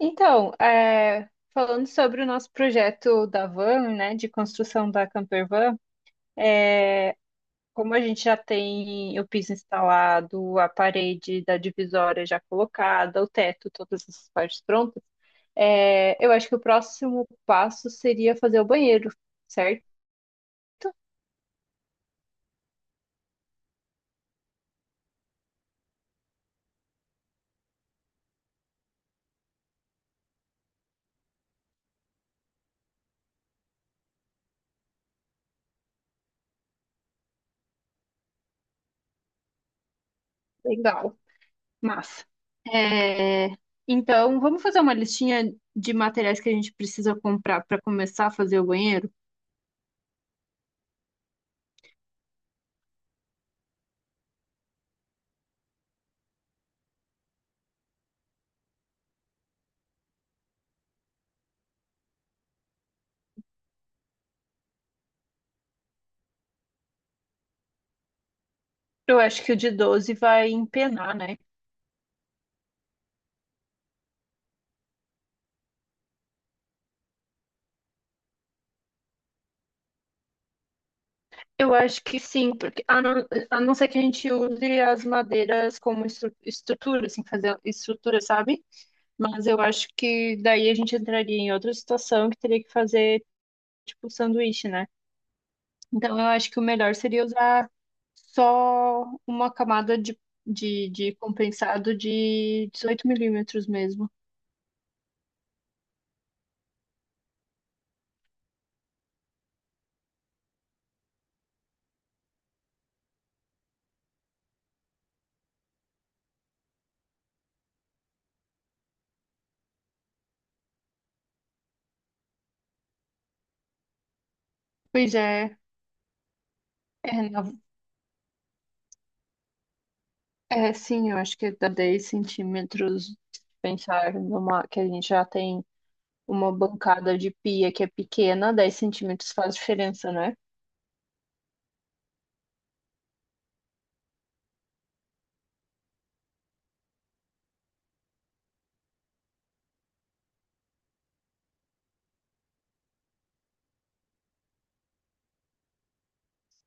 Então, falando sobre o nosso projeto da van, né, de construção da camper van, é, como a gente já tem o piso instalado, a parede da divisória já colocada, o teto, todas essas partes prontas, eu acho que o próximo passo seria fazer o banheiro, certo? Legal, massa. É, então, vamos fazer uma listinha de materiais que a gente precisa comprar para começar a fazer o banheiro? Eu acho que o de 12 vai empenar, né? Eu acho que sim, porque a não ser que a gente use as madeiras como estrutura, assim, fazer estrutura, sabe? Mas eu acho que daí a gente entraria em outra situação que teria que fazer, tipo, sanduíche, né? Então eu acho que o melhor seria usar só uma camada de compensado de 18 milímetros mesmo. Pois é. É, sim, eu acho que dá 10 centímetros pensar numa que a gente já tem uma bancada de pia que é pequena, 10 centímetros faz diferença, né?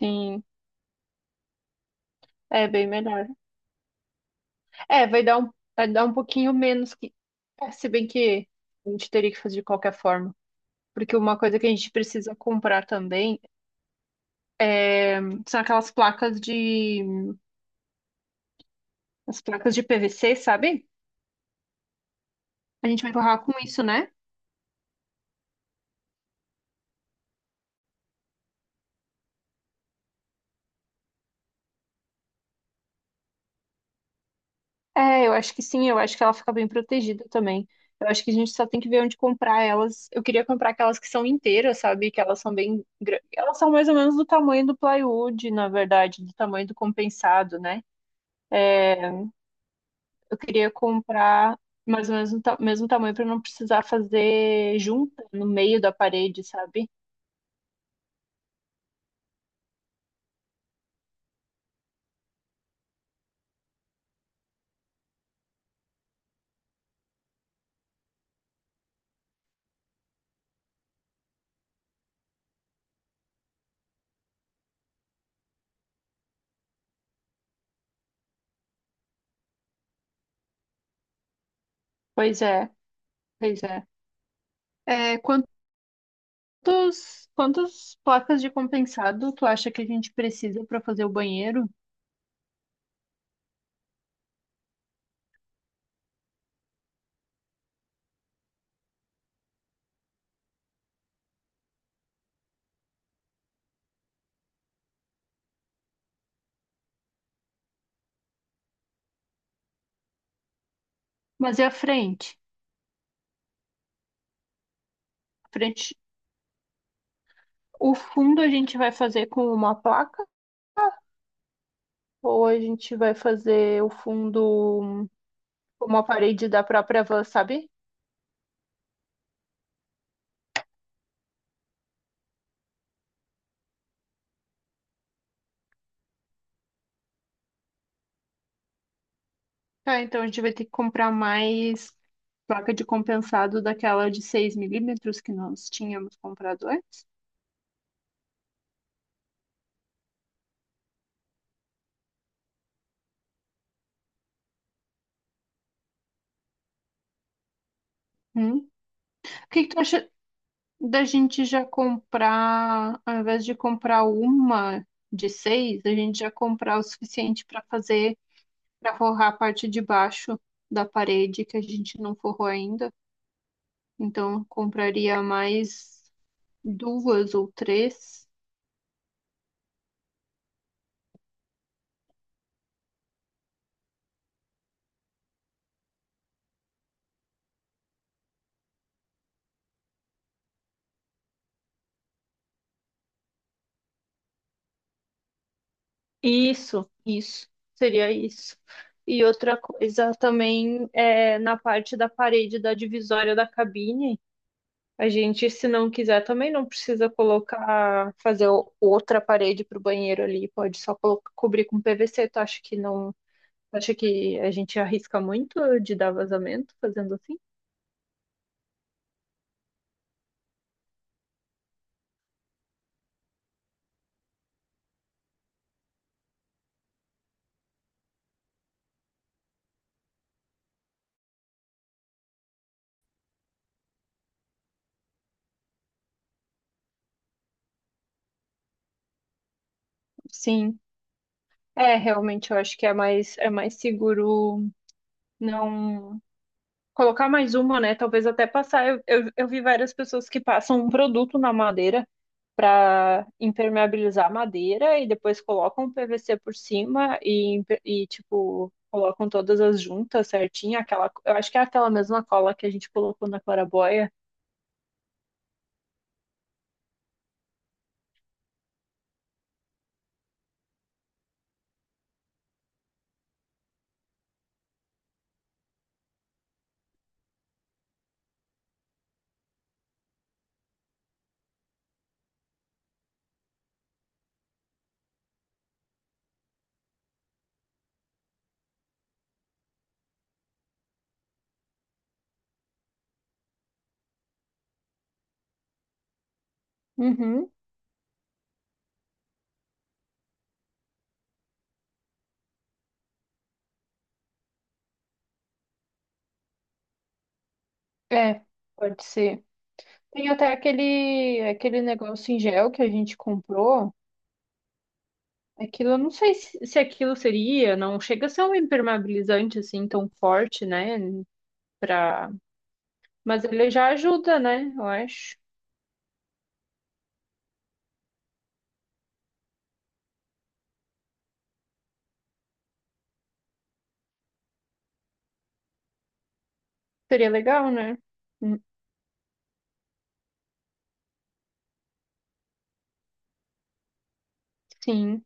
Sim, é bem melhor. É, vai dar um pouquinho menos que. Se bem que a gente teria que fazer de qualquer forma. Porque uma coisa que a gente precisa comprar também são aquelas placas de. As placas de PVC, sabe? A gente vai empurrar com isso, né? É, eu acho que sim, eu acho que ela fica bem protegida também. Eu acho que a gente só tem que ver onde comprar elas. Eu queria comprar aquelas que são inteiras, sabe? Que elas são bem grandes. Elas são mais ou menos do tamanho do plywood, na verdade, do tamanho do compensado, né? Eu queria comprar mais ou menos do mesmo tamanho para não precisar fazer junta no meio da parede, sabe? Pois é, pois é. É, quantas placas de compensado tu acha que a gente precisa para fazer o banheiro? Mas e a frente? A frente. O fundo a gente vai fazer com uma placa ou a gente vai fazer o fundo com uma parede da própria van, sabe? Ah, então a gente vai ter que comprar mais placa de compensado daquela de 6 milímetros que nós tínhamos comprado antes. Hum. O que que tu acha da gente já comprar, ao invés de comprar uma de 6, a gente já comprar o suficiente para fazer, para forrar a parte de baixo da parede que a gente não forrou ainda? Então, eu compraria mais duas ou três. Isso, isso. Seria isso. E outra coisa também é na parte da parede da divisória da cabine. A gente, se não quiser, também não precisa colocar, fazer o- outra parede para o banheiro ali. Pode só cobrir com PVC. Tu acha que não? Tu acha que a gente arrisca muito de dar vazamento fazendo assim? Sim. É, realmente eu acho que é mais seguro não colocar mais uma, né? Talvez até passar. Eu vi várias pessoas que passam um produto na madeira para impermeabilizar a madeira e depois colocam o PVC por cima e, tipo, colocam todas as juntas certinho. Aquela, eu acho que é aquela mesma cola que a gente colocou na claraboia. Uhum, é, pode ser. Tem até aquele negócio em gel que a gente comprou. Aquilo, eu não sei se aquilo seria, não chega a ser um impermeabilizante assim tão forte, né? Para Mas ele já ajuda, né? Eu acho. Seria legal, né? Hum, sim.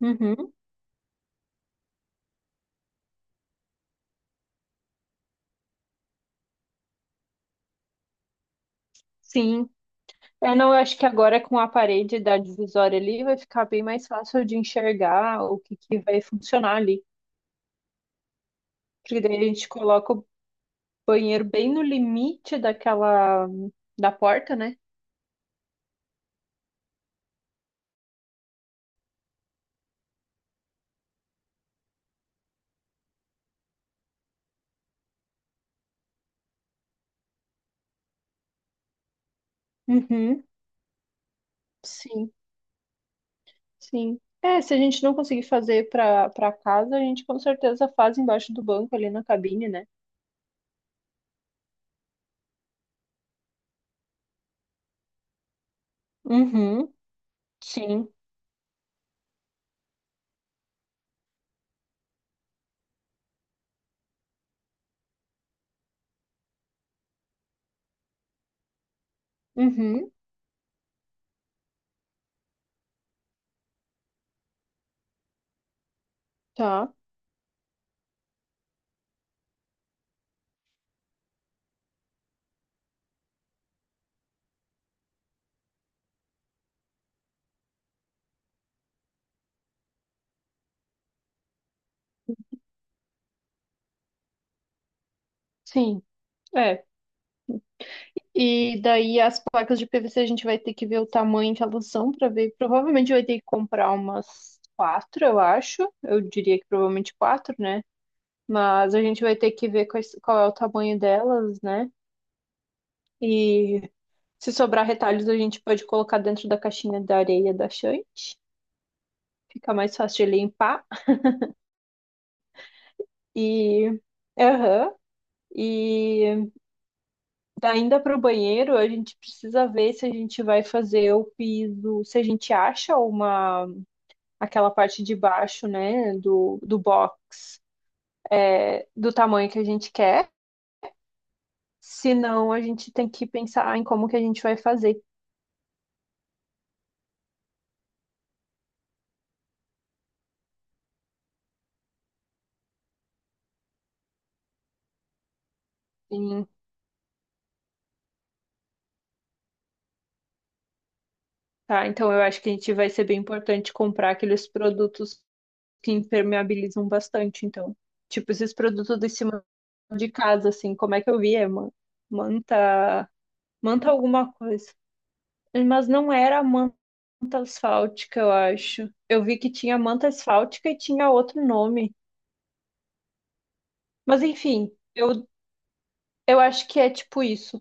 Uhum. Sim. Eu não eu acho que agora com a parede da divisória ali vai ficar bem mais fácil de enxergar o que que vai funcionar ali. Porque daí a gente coloca o banheiro bem no limite daquela da porta, né? Uhum. Sim, sim. É, se a gente não conseguir fazer para casa, a gente com certeza faz embaixo do banco ali na cabine, né? Uhum. Sim. Uhum. Tá. Sim. É. E daí as placas de PVC a gente vai ter que ver o tamanho que elas são para ver. Provavelmente vai ter que comprar umas quatro, eu acho. Eu diria que provavelmente quatro, né? Mas a gente vai ter que ver qual é o tamanho delas, né? E se sobrar retalhos, a gente pode colocar dentro da caixinha da areia da Shant. Fica mais fácil de limpar. E. Aham. E ainda para o banheiro, a gente precisa ver se a gente vai fazer o piso, se a gente acha uma aquela parte de baixo, né, do box, é, do tamanho que a gente quer. Senão, a gente tem que pensar em como que a gente vai fazer. Sim, tá? Então, eu acho que a gente vai ser bem importante comprar aqueles produtos que impermeabilizam bastante. Então, tipo, esses produtos de cima de casa, assim, como é que eu vi? É manta, manta alguma coisa. Mas não era a manta asfáltica, eu acho. Eu vi que tinha manta asfáltica e tinha outro nome. Mas, enfim, eu acho que é tipo isso.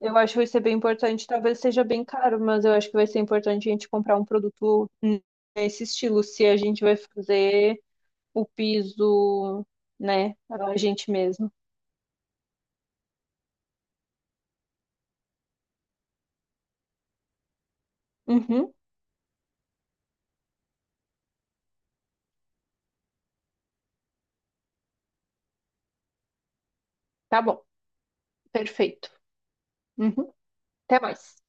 Eu acho que vai ser bem importante. Talvez seja bem caro, mas eu acho que vai ser importante a gente comprar um produto nesse estilo, se a gente vai fazer o piso, né, a gente mesmo. Uhum, tá bom, perfeito. Uhum, até mais.